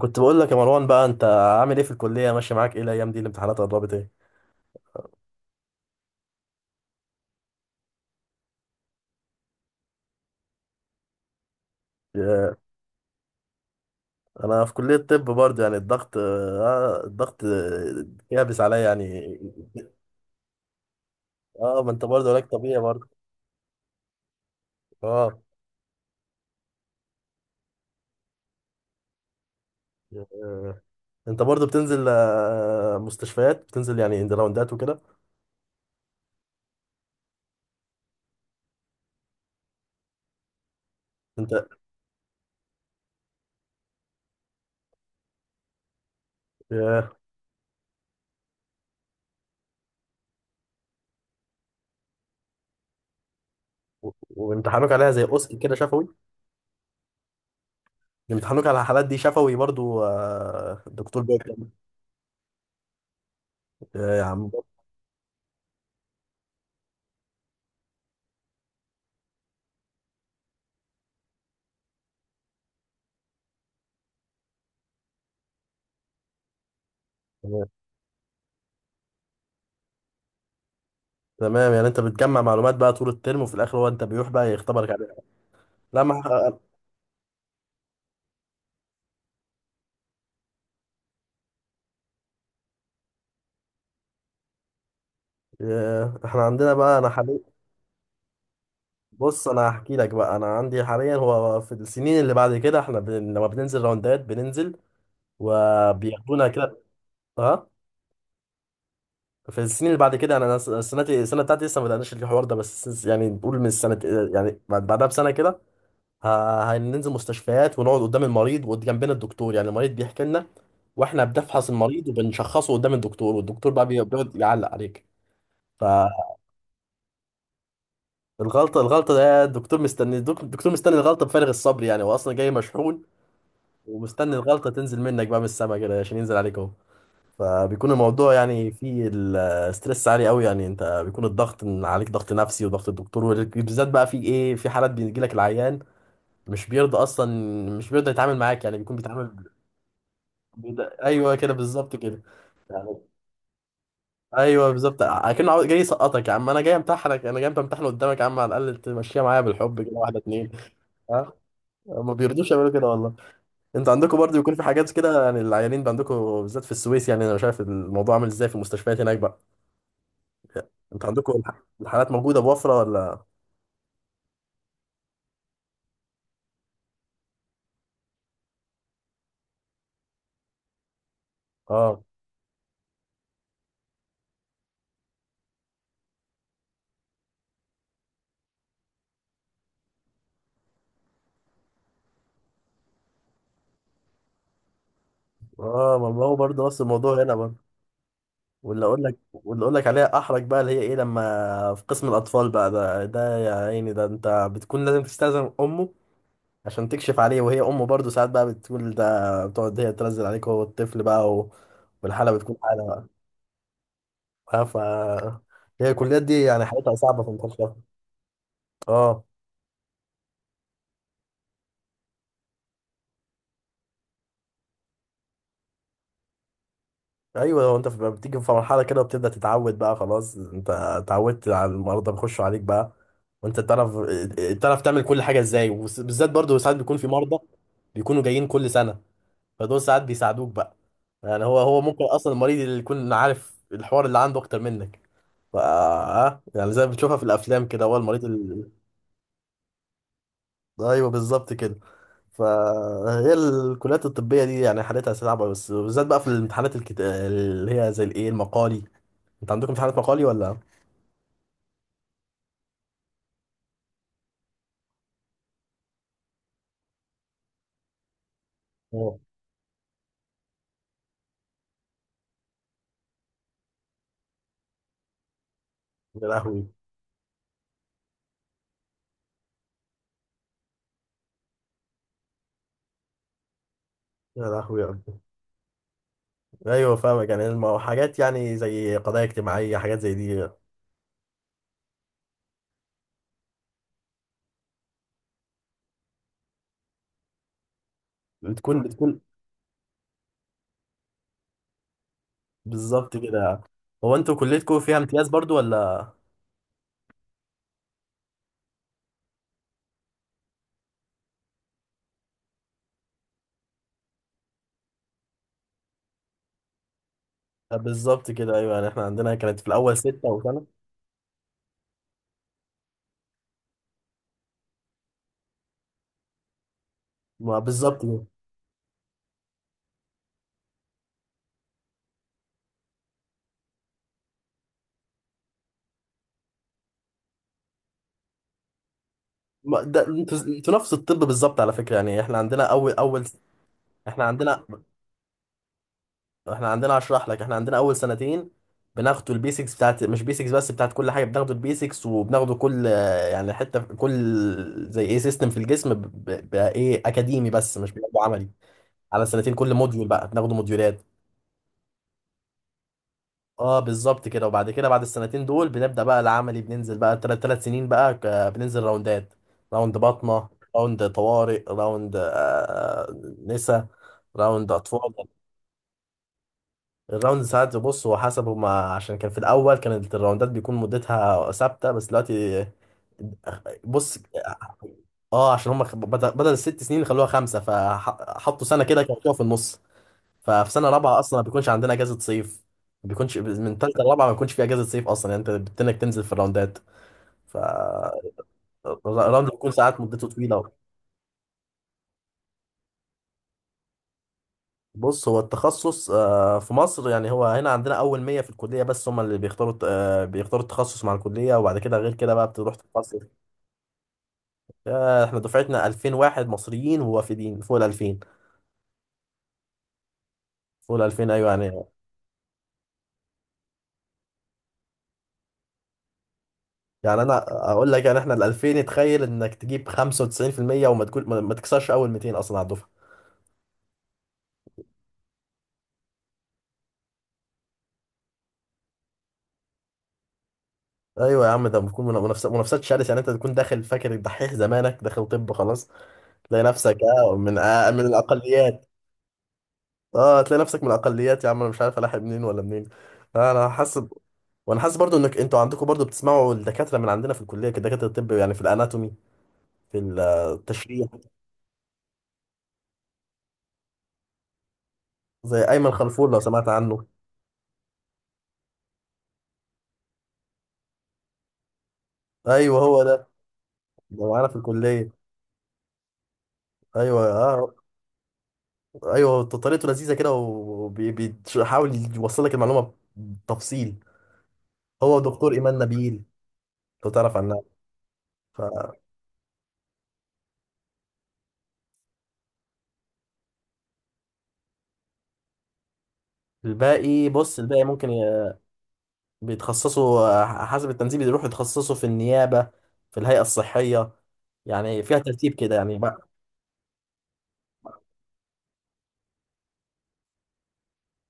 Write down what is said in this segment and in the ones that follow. كنت بقول لك يا مروان، بقى انت عامل ايه في الكليه؟ ماشي معاك ايه الايام دي؟ الامتحانات قربت، ايه؟ يا- انا في كليه طب برضه، يعني الضغط، يابس عليا يعني. اه، ما انت برضه لك طبيعي برضه. اه، انت برضه بتنزل مستشفيات، بتنزل يعني عند راوندات وكده؟ انت. ياه. وامتحانوك عليها زي اوسكي كده شفوي؟ امتحانوك على الحالات دي شفوي برضه، دكتور بيتكلم؟ يا عم. تمام. تمام، يعني انت بتجمع معلومات بقى طول الترم، وفي الاخر هو انت بيروح بقى يختبرك عليها. لا ما. ياه، احنا عندنا بقى انا حاليا. بص، انا هحكي لك بقى. انا عندي حاليا، هو في السنين اللي بعد كده احنا لما بننزل راوندات بننزل، وبياخدونا كده. اه. في السنين اللي بعد كده، انا سنتي، السنه بتاعتي لسه ما بدأناش الحوار ده، بس يعني نقول من السنه، يعني بعدها بسنه كده. هننزل مستشفيات ونقعد قدام المريض وجنبنا الدكتور، يعني المريض بيحكي لنا، واحنا بنفحص المريض وبنشخصه قدام الدكتور، والدكتور بقى بيقعد يعلق عليك. الغلطة، ده الدكتور مستني، الدكتور مستني الغلطة بفارغ الصبر، يعني هو أصلا جاي مشحون، ومستني الغلطة تنزل منك بقى من السما كده عشان ينزل عليك أهو. فبيكون الموضوع يعني فيه الستريس عالي قوي، يعني أنت بيكون الضغط، إن عليك ضغط نفسي وضغط الدكتور، وبالذات بقى في إيه، في حالات بيجي لك العيان مش بيرضى أصلا، مش بيرضى يتعامل معاك، يعني بيكون بيتعامل. أيوه كده بالظبط كده يعني. ايوه بالظبط، اكنه جاي يسقطك. يا عم، انا جاي امتحنك، انا جاي امتحن قدامك، يا عم على الاقل تمشيها معايا بالحب كده، واحده اتنين. ما بيرضوش يعملوا كده والله. انتوا عندكم برضه بيكون في حاجات كده، يعني العيانين بقى عندكم بالذات في السويس، يعني انا شايف الموضوع عامل ازاي في المستشفيات هناك بقى. انتوا عندكم الحالات موجوده بوفره ولا؟ اه، اه، ما هو برضه نفس الموضوع هنا برضه. واللي اقول لك عليها احرج بقى، اللي هي ايه، لما في قسم الاطفال بقى ده، يا عيني، ده انت بتكون لازم تستأذن امه عشان تكشف عليه، وهي امه برضه ساعات بقى بتقول ده، بتقعد هي تنزل عليك هو الطفل بقى والحاله بتكون حاله. آه، ف هي الكليات دي يعني حياتها صعبة في انتشار. اه. ايوه، هو انت بتيجي في مرحلة كده وبتبدأ تتعود بقى، خلاص انت اتعودت على المرضى بيخشوا عليك بقى، وانت تعرف تعمل كل حاجة ازاي، وبالذات برضه ساعات بيكون في مرضى بيكونوا جايين كل سنة، فدول ساعات بيساعدوك بقى. يعني هو ممكن اصلا المريض اللي يكون عارف الحوار اللي عنده اكتر منك. ف آه، يعني زي ما بتشوفها في الافلام كده، هو المريض. ايوه بالظبط كده. فهي الكليات الطبيه دي يعني حالتها صعبه، بس بالذات بقى في الامتحانات اللي هي زي الايه، المقالي. انت عندكم امتحانات مقالي ولا؟ اه. يا لهوي. يا لهوي يا رب. ايوه فاهمك. يعني حاجات، يعني زي قضايا اجتماعيه، حاجات زي دي. بتكون بالظبط كده يعني. هو انتوا كليتكم فيها امتياز برضو ولا؟ بالظبط كده، ايوه، يعني احنا عندنا كانت في الاول سته وسنه. ما بالظبط كده. ده انتوا نفس الطب بالظبط على فكره، يعني احنا عندنا اول. احنا عندنا احنا عندنا، اشرح لك، احنا عندنا اول سنتين بناخدوا البيسكس بتاعت مش بيسكس بس، بتاعت كل حاجه، بناخدوا البيسكس وبناخدوا كل يعني حته في كل زي ايه، سيستم في الجسم بقى ايه، اكاديمي بس مش بناخده عملي. على سنتين كل موديول بقى بناخده، موديولات. اه بالظبط كده. وبعد كده بعد السنتين دول بنبدا بقى العملي، بننزل بقى ثلاث سنين بقى، بننزل راوندات، راوند بطنه، راوند طوارئ، راوند نسا، راوند اطفال. الراوند ساعات، بص هو حسب هما، عشان كان في الاول كانت الراوندات بيكون مدتها ثابته، بس دلوقتي. بص. اه، عشان هما بدل الست سنين خلوها خمسه، فحطوا سنه كده كانوا في النص. ففي سنه رابعه اصلا ما بيكونش عندنا اجازه صيف، ما بيكونش من ثالثه لرابعه ما بيكونش في اجازه صيف اصلا، يعني انت بتنك تنزل في الراوندات. ف الراوند بيكون ساعات مدته طويله. بص، هو التخصص في مصر، يعني هو هنا عندنا اول 100 في الكليه بس هم اللي بيختاروا، بيختاروا التخصص مع الكليه، وبعد كده غير كده بقى بتروح تتخصص. احنا دفعتنا 2000 واحد مصريين، ووافدين فوق ال 2000. فوق ال 2000، ايوه يعني. يعني انا اقول لك، يعني احنا ال 2000، تخيل انك تجيب 95% وما تكون ما تكسرش اول 200 اصلا على الدفعه. ايوه يا عم، ده بتكون منافسات شرسه، يعني انت تكون داخل فاكر الدحيح زمانك، داخل طب خلاص. تلاقي نفسك من الاقليات. اه، هتلاقي نفسك من الاقليات. يا عم انا مش عارف الاحق منين ولا منين. انا حاسس وانا حاسس برضو انك انتوا عندكم برضو بتسمعوا الدكاتره من عندنا في الكليه، كدكاتره الطب، يعني في الاناتومي، في التشريح. زي ايمن خلفول لو سمعت عنه. ايوه، هو ده. ده معانا في الكليه. ايوه اه. ايوه، طريقته لذيذه كده، وبيحاول يوصل لك المعلومه بتفصيل. هو دكتور ايمان نبيل. لو تعرف عنها. فالباقي، بص الباقي ممكن، بيتخصصوا حسب التنسيب، بيروحوا يتخصصوا في النيابة، في الهيئة الصحية، يعني فيها ترتيب كده يعني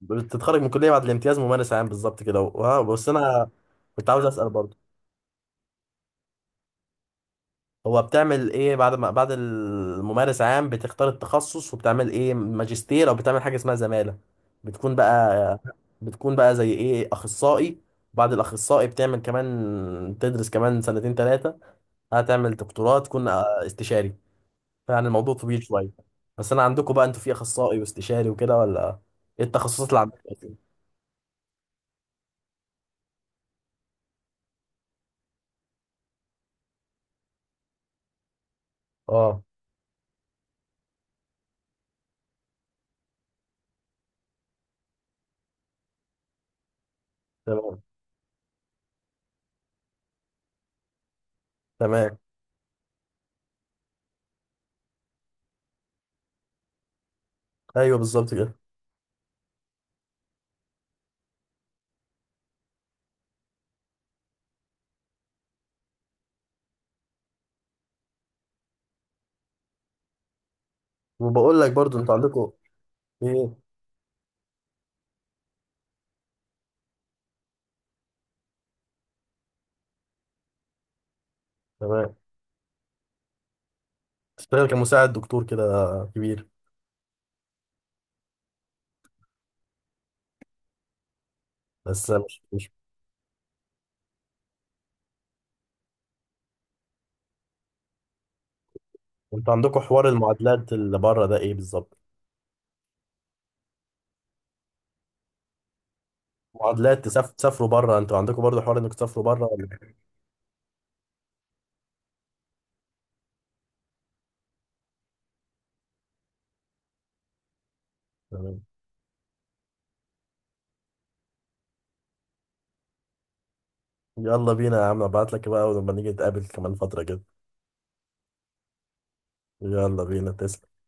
بتتخرج من الكلية بعد الامتياز ممارس عام، بالظبط كده. بس أنا كنت عاوز أسأل برضه. هو بتعمل إيه بعد ما بعد الممارس عام؟ بتختار التخصص، وبتعمل إيه ماجستير، أو بتعمل حاجة اسمها زمالة. بتكون بقى بتكون بقى زي إيه، أخصائي. بعد الأخصائي بتعمل كمان، تدرس كمان سنتين ثلاثة، هتعمل دكتوراه تكون استشاري. يعني الموضوع طويل شويه. بس انا عندكم بقى، انتوا في اخصائي واستشاري وكده ولا؟ ايه التخصصات اللي عندكم اصلا؟ اه. تمام. تمام. ايوه بالظبط كده. وبقول لك برضو، انتوا عندكم ايه؟ تمام. تشتغل كمساعد دكتور كده، كبير. بس مش انتوا عندكم حوار المعادلات اللي بره، ده ايه بالظبط؟ معادلات، تسافروا بره، انتوا عندكم برضو حوار انك تسافروا بره ولا إيه؟ تمام. يلا بينا يا عم، ابعت لك بقى، ولما نيجي نتقابل كمان فتره كده. يلا بينا، تسلم.